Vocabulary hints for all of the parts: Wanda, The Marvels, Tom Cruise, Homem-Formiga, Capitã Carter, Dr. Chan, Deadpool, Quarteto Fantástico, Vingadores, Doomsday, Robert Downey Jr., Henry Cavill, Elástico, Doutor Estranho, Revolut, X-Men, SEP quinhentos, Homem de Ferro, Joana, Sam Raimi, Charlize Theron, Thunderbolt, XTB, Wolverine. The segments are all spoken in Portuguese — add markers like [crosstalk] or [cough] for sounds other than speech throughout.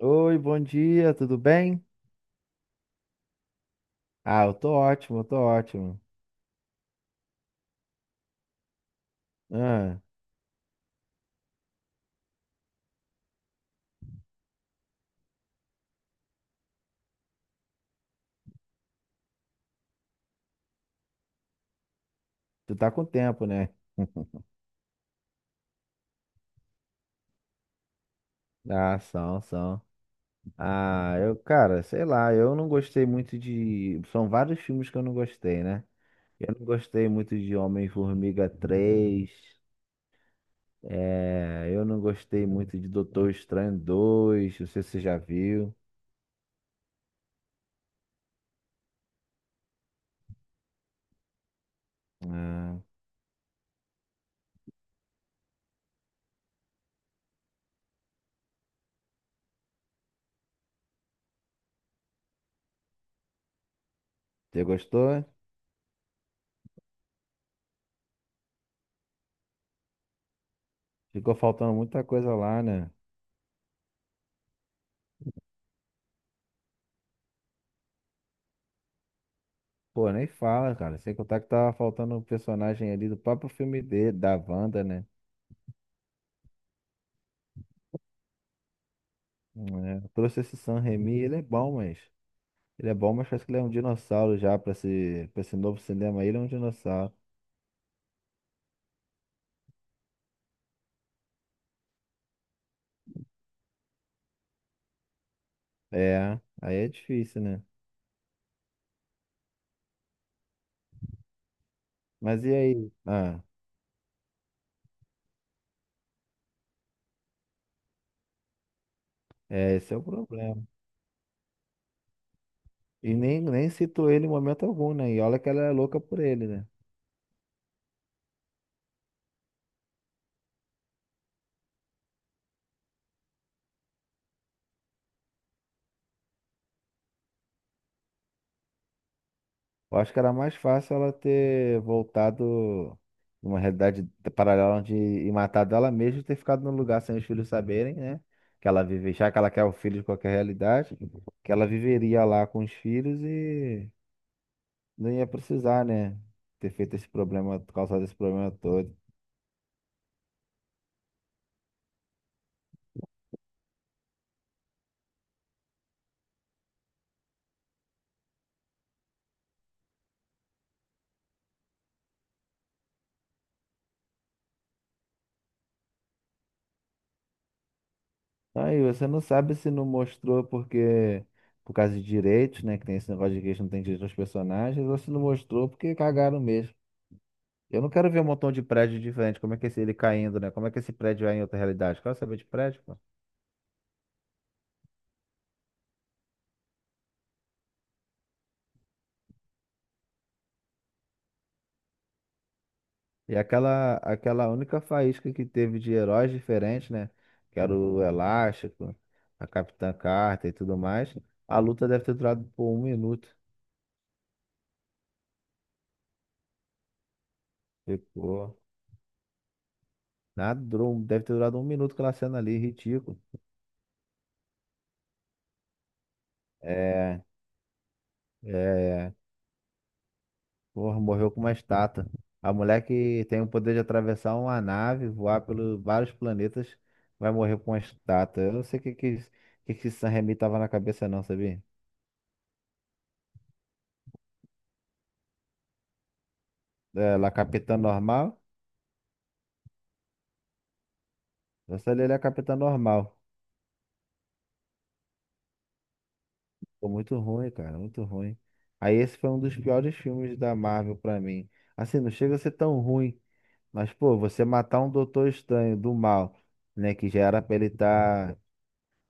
Oi, bom dia, tudo bem? Ah, eu tô ótimo, eu tô ótimo. Ah, tu tá com tempo, né? Ah, são, são. Ah, eu, cara, sei lá, eu não gostei muito de. São vários filmes que eu não gostei, né? Eu não gostei muito de Homem-Formiga 3. É, eu não gostei muito de Doutor Estranho 2. Não sei se você já viu. Ah, você gostou? Ficou faltando muita coisa lá, né? Pô, nem fala, cara. Sem contar que tava faltando um personagem ali do próprio filme dele, da Wanda, né? É, trouxe esse Sam Raimi, ele é bom, mas. Ele é bom, mas parece que ele é um dinossauro já pra esse, novo cinema. Ele é um dinossauro. É, aí é difícil, né? Mas e aí? Ah, é, esse é o problema. E nem citou ele em momento algum, né? E olha que ela é louca por ele, né? Eu acho que era mais fácil ela ter voltado numa realidade paralela onde e matado ela mesma e ter ficado no lugar sem os filhos saberem, né? Que ela vive, já que ela quer o filho de qualquer realidade, que ela viveria lá com os filhos e não ia precisar, né? Ter feito esse problema, causado esse problema todo. Aí você não sabe se não mostrou porque por causa de direitos, né? Que tem esse negócio de que eles não tem direito aos personagens, ou se não mostrou porque cagaram mesmo. Eu não quero ver um montão de prédio diferente. Como é que é esse, ele caindo, né? Como é que esse prédio é em outra realidade? Quero saber de prédio, pô. E aquela única faísca que teve de heróis diferentes, né? Que era o Elástico, a Capitã Carter e tudo mais. A luta deve ter durado por um minuto. Ficou. Nada, durou, um, deve ter durado um minuto aquela cena ali, ridículo. É, é. Porra, morreu com uma estátua. A mulher que tem o poder de atravessar uma nave, voar pelos vários planetas, vai morrer com uma estátua. Eu não sei o que que, o que, que esse San Remi tava na cabeça, não, sabia? É Capitã Normal? Eu só li ele é Capitã Normal. Ficou muito ruim, cara, muito ruim. Aí esse foi um dos piores filmes da Marvel pra mim. Assim, não chega a ser tão ruim, mas, pô, você matar um Doutor Estranho do mal, né, que já era pra ele estar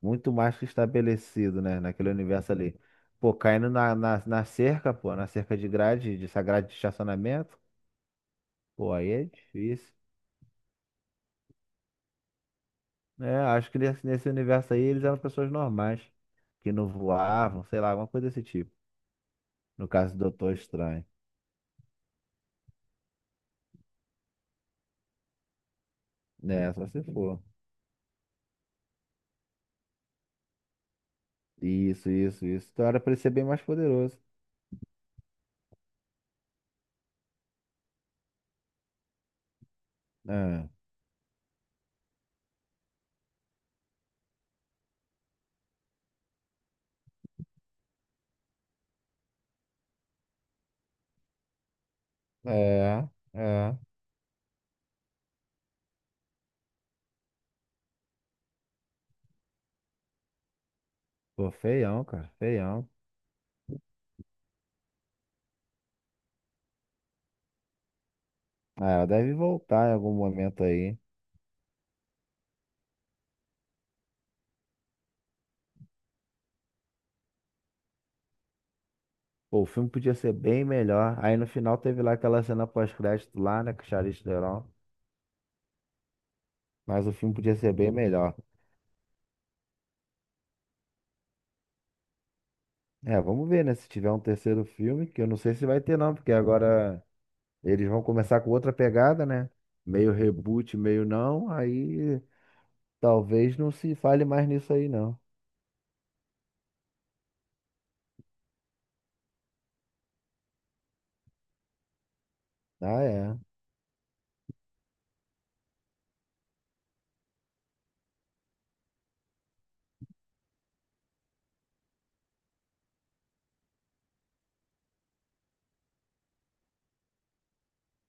muito mais que estabelecido, né? Naquele universo ali. Pô, caindo na, na cerca, pô, na cerca de grade, de essa grade de estacionamento, pô, aí é difícil. É, acho que nesse, universo aí eles eram pessoas normais, que não voavam, sei lá, alguma coisa desse tipo. No caso do Doutor Estranho. Né, só se for. Isso, isso, isso. Então era pra ele ser bem mais poderoso. É, é, é. Pô, feião, cara, feião. Ah, ela deve voltar em algum momento aí. Pô, o filme podia ser bem melhor. Aí no final teve lá aquela cena pós-crédito lá, né, com o Charlize Theron. Mas o filme podia ser bem melhor. É, vamos ver, né, se tiver um terceiro filme, que eu não sei se vai ter não, porque agora eles vão começar com outra pegada, né? Meio reboot, meio não. Aí talvez não se fale mais nisso aí não. Ah, é.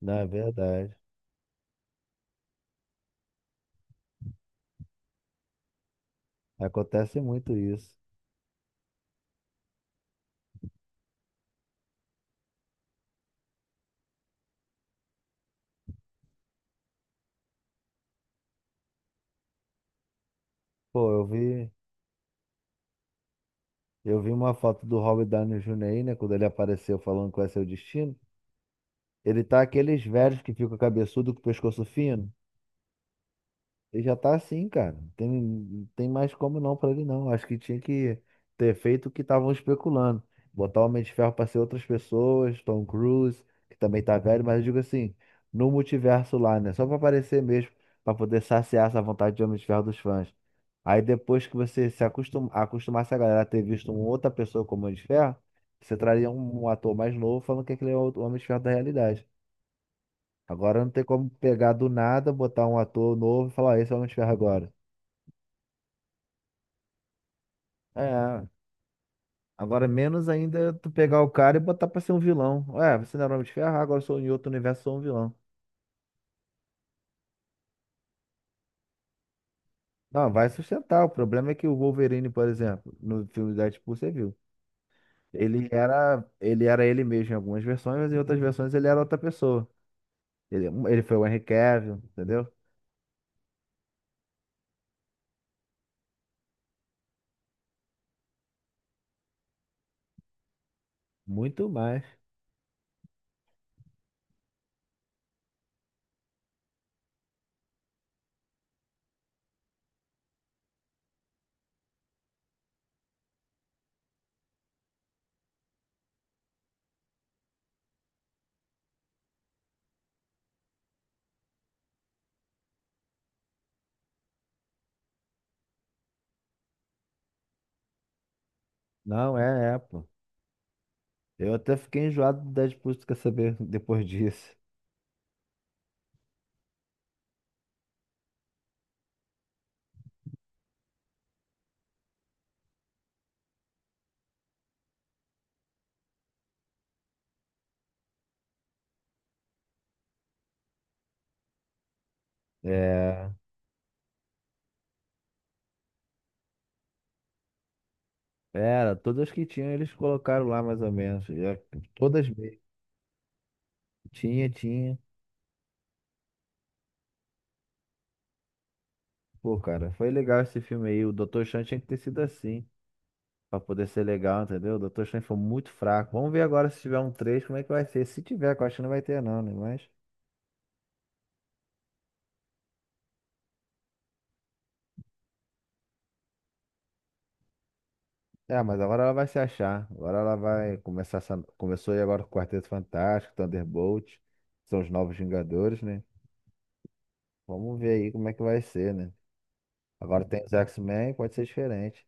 Não, é verdade. Acontece muito isso. Pô, eu vi, uma foto do Robert Downey Jr. aí, né, quando ele apareceu falando qual é seu destino. Ele tá aqueles velhos que ficam cabeçudo com o pescoço fino. Ele já tá assim, cara. Não tem mais como não pra ele não. Acho que tinha que ter feito o que estavam especulando. Botar o Homem de Ferro pra ser outras pessoas, Tom Cruise, que também tá velho, mas eu digo assim, no multiverso lá, né? Só pra aparecer mesmo, pra poder saciar essa vontade de Homem de Ferro dos fãs. Aí depois que você se acostum... acostumasse a galera a ter visto uma outra pessoa como Homem de Ferro, você traria um, ator mais novo falando que aquele é o Homem de Ferro da realidade. Agora não tem como pegar do nada, botar um ator novo e falar, "Ah, esse é o Homem-Ferro agora." É, agora menos ainda tu pegar o cara e botar pra ser um vilão. Ué, você não era o Homem-Ferro, agora eu sou em outro universo, sou um vilão. Não, vai sustentar. O problema é que o Wolverine, por exemplo, no filme Deadpool, você viu. Ele era, ele mesmo em algumas versões, mas em outras versões ele era outra pessoa. Ele foi o Henry Cavill, entendeu? Muito mais. Não, é, é, pô. Eu até fiquei enjoado do Deadpool, tu quer saber, [laughs] depois disso. É Era, todas que tinham eles colocaram lá mais ou menos. E é- Todas mesmo. Tinha, tinha. Pô, cara, foi legal esse filme aí. O Dr. Chan tinha que ter sido assim, pra poder ser legal, entendeu? O Dr. Chan foi muito fraco. Vamos ver agora se tiver um 3 como é que vai ser. Se tiver, que eu acho que não vai ter não, né? Mas... É, mas agora ela vai se achar. Agora ela vai começar essa... Começou aí agora com o Quarteto Fantástico, Thunderbolt, que são os novos Vingadores, né? Vamos ver aí como é que vai ser, né? Agora tem os X-Men, pode ser diferente.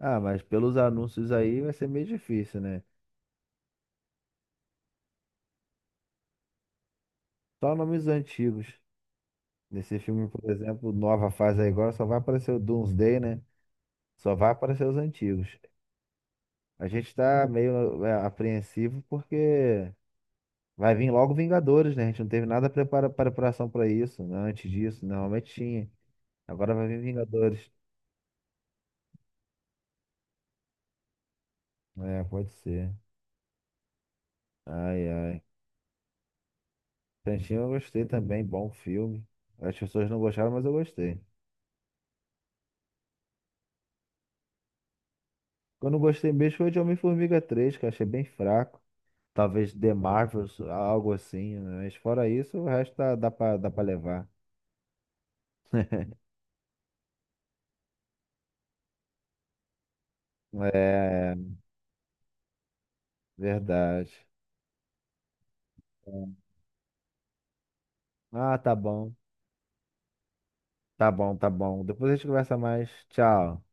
Ah, mas pelos anúncios aí vai ser meio difícil, né? Só nomes antigos. Nesse filme, por exemplo, nova fase aí agora, só vai aparecer o Doomsday, né? Só vai aparecer os antigos. A gente tá meio apreensivo porque vai vir logo Vingadores, né? A gente não teve nada preparação pra isso, né? Antes disso, normalmente tinha. Agora vai vir Vingadores. É, pode ser. Ai, ai. Tantinho eu gostei também, bom filme. As pessoas não gostaram, mas eu gostei. Quando eu não gostei mesmo foi de Homem-Formiga 3, que eu achei bem fraco. Talvez The Marvels, algo assim, né? Mas fora isso, o resto dá pra levar. É, verdade. Ah, tá bom. Tá bom, tá bom. Depois a gente conversa mais. Tchau.